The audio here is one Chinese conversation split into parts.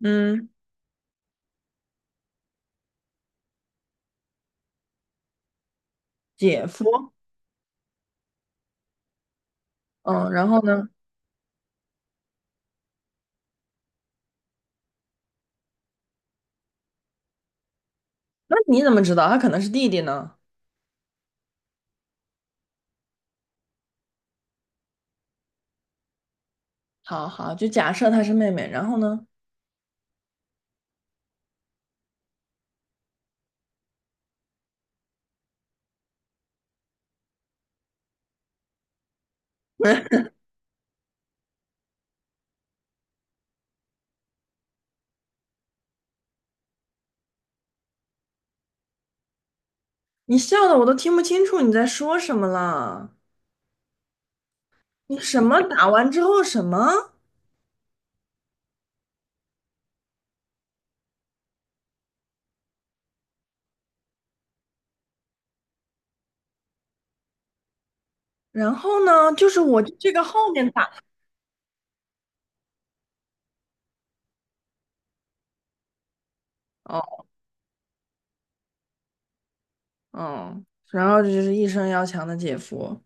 嗯。姐夫。嗯，然后呢？那你怎么知道他可能是弟弟呢？好好，就假设他是妹妹，然后呢？你笑的我都听不清楚你在说什么了。你什么打完之后什么？然后呢？就是我这个后面打。哦。嗯，然后就是一生要强的姐夫。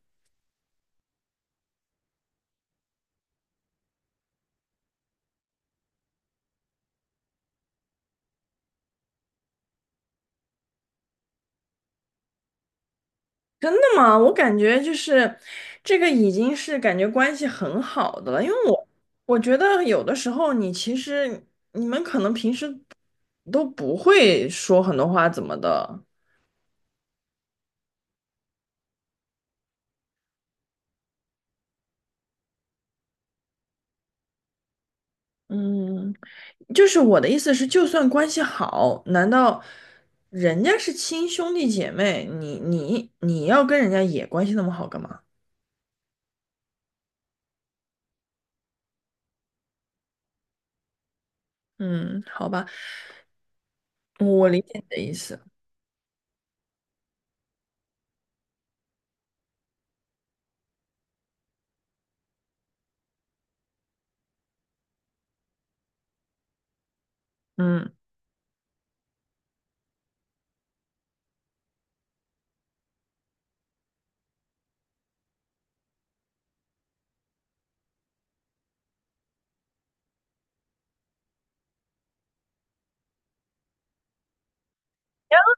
真的吗？我感觉就是这个已经是感觉关系很好的了，因为我觉得有的时候你其实你们可能平时都不会说很多话怎么的。嗯，就是我的意思是，就算关系好，难道人家是亲兄弟姐妹，你要跟人家也关系那么好干嘛？嗯，好吧，我理解你的意思。嗯。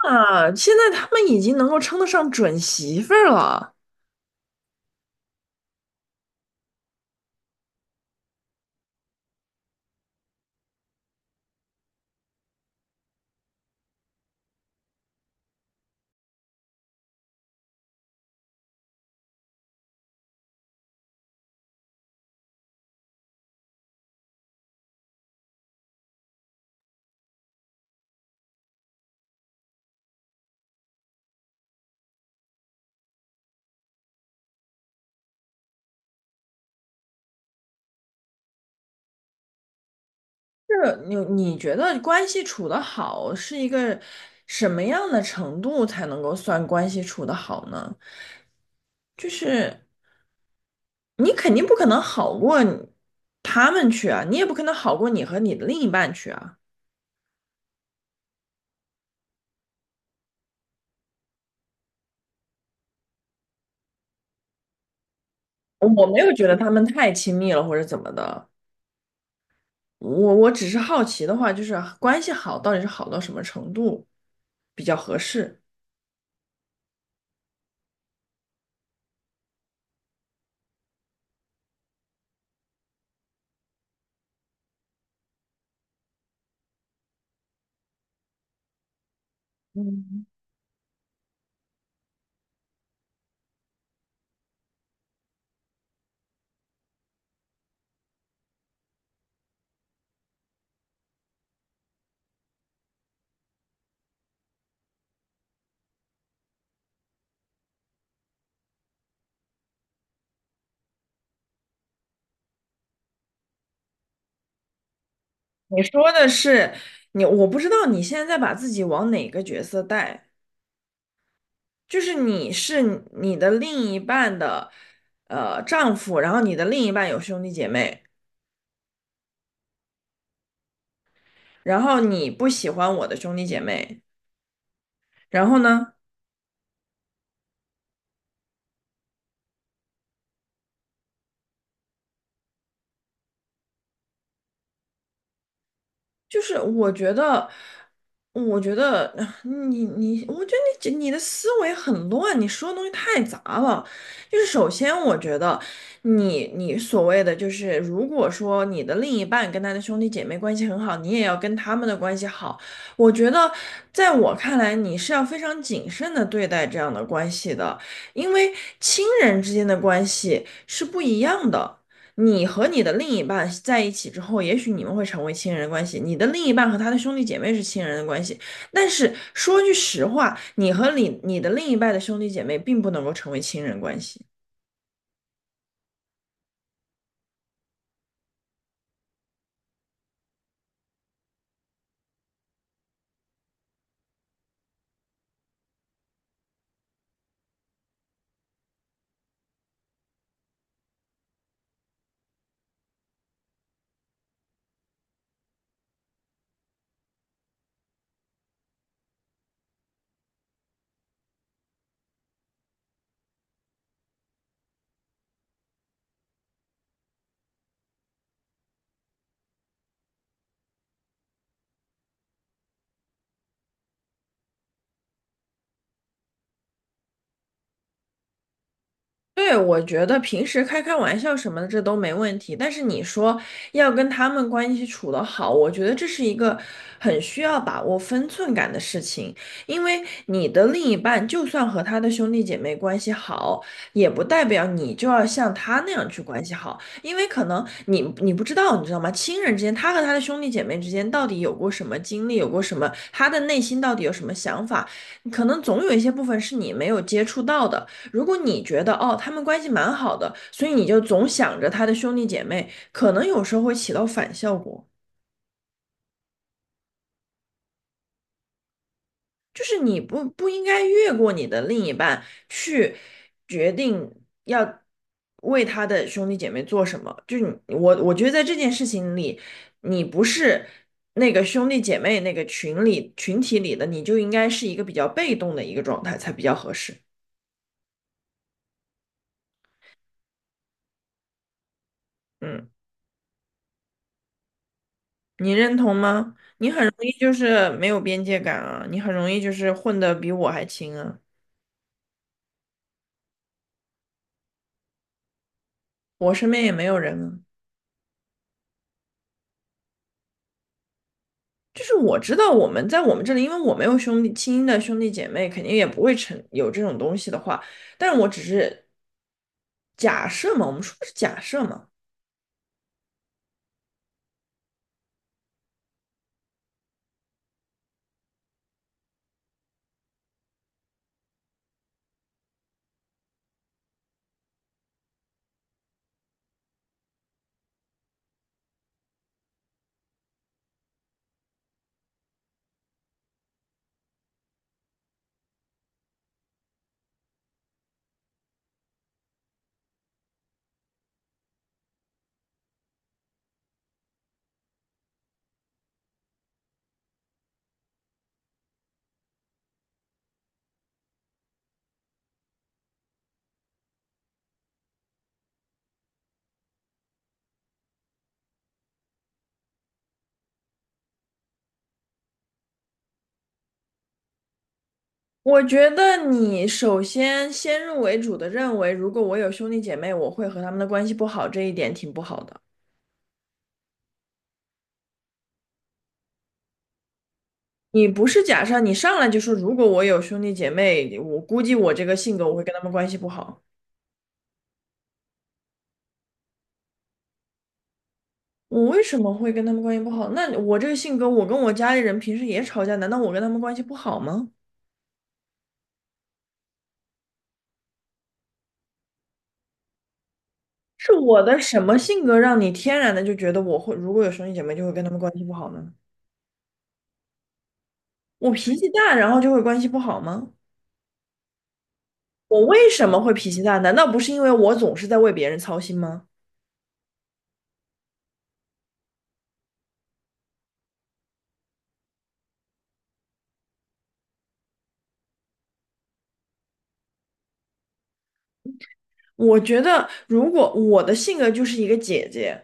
啊，现在他们已经能够称得上准媳妇儿了。是你觉得关系处得好是一个什么样的程度才能够算关系处得好呢？就是你肯定不可能好过你他们去啊，你也不可能好过你和你的另一半去啊。我没有觉得他们太亲密了或者怎么的，我只是好奇的话，就是关系好到底是好到什么程度比较合适？嗯，你说的是你，我不知道你现在在把自己往哪个角色带。就是你是你的另一半的丈夫，然后你的另一半有兄弟姐妹，然后你不喜欢我的兄弟姐妹，然后呢？就是我觉得，我觉得呃你你，我觉得你的思维很乱，你说的东西太杂了。就是首先，我觉得你所谓的就是，如果说你的另一半跟他的兄弟姐妹关系很好，你也要跟他们的关系好。我觉得，在我看来，你是要非常谨慎的对待这样的关系的，因为亲人之间的关系是不一样的。你和你的另一半在一起之后，也许你们会成为亲人关系，你的另一半和他的兄弟姐妹是亲人的关系，但是说句实话，你和你的另一半的兄弟姐妹并不能够成为亲人关系。对，我觉得平时开开玩笑什么的这都没问题，但是你说要跟他们关系处得好，我觉得这是一个很需要把握分寸感的事情，因为你的另一半就算和他的兄弟姐妹关系好，也不代表你就要像他那样去关系好，因为可能你不知道，你知道吗？亲人之间，他和他的兄弟姐妹之间到底有过什么经历，有过什么，他的内心到底有什么想法，可能总有一些部分是你没有接触到的。如果你觉得哦，他们关系蛮好的，所以你就总想着他的兄弟姐妹，可能有时候会起到反效果，就是你不应该越过你的另一半去决定要为他的兄弟姐妹做什么。就是你我觉得在这件事情里，你不是那个兄弟姐妹那个群里群体里的，你就应该是一个比较被动的一个状态才比较合适。嗯，你认同吗？容易就是没有边界感啊，你很容易就是混得比我还亲啊，我身边也没有人啊。就是我知道我们在我们这里，因为我没有兄弟亲的兄弟姐妹，肯定也不会成有这种东西的话，但是我只是假设嘛，我们说的是假设嘛。我觉得你首先先入为主的认为，如果我有兄弟姐妹，我会和他们的关系不好，这一点挺不好的。你不是假设，你上来就说如果我有兄弟姐妹，我估计我这个性格我会跟他们关系不好。我为什么会跟他们关系不好？那我这个性格，我跟我家里人平时也吵架，难道我跟他们关系不好吗？是我的什么性格让你天然的就觉得我会，如果有兄弟姐妹就会跟他们关系不好呢？我脾气大，然后就会关系不好吗？我为什么会脾气大？难道不是因为我总是在为别人操心吗？我觉得，如果我的性格就是一个姐姐，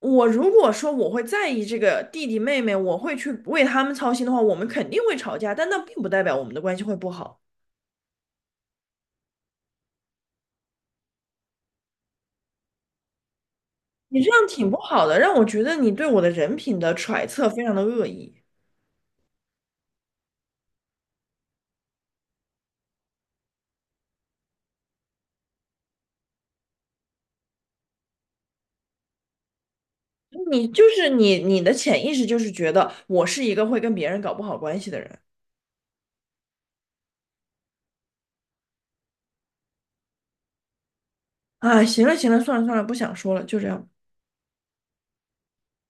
我如果说我会在意这个弟弟妹妹，我会去为他们操心的话，我们肯定会吵架，但那并不代表我们的关系会不好。你这样挺不好的，让我觉得你对我的人品的揣测非常的恶意。你就是你，你的潜意识就是觉得我是一个会跟别人搞不好关系的人。哎，行了行了，算了算了，不想说了，就这样吧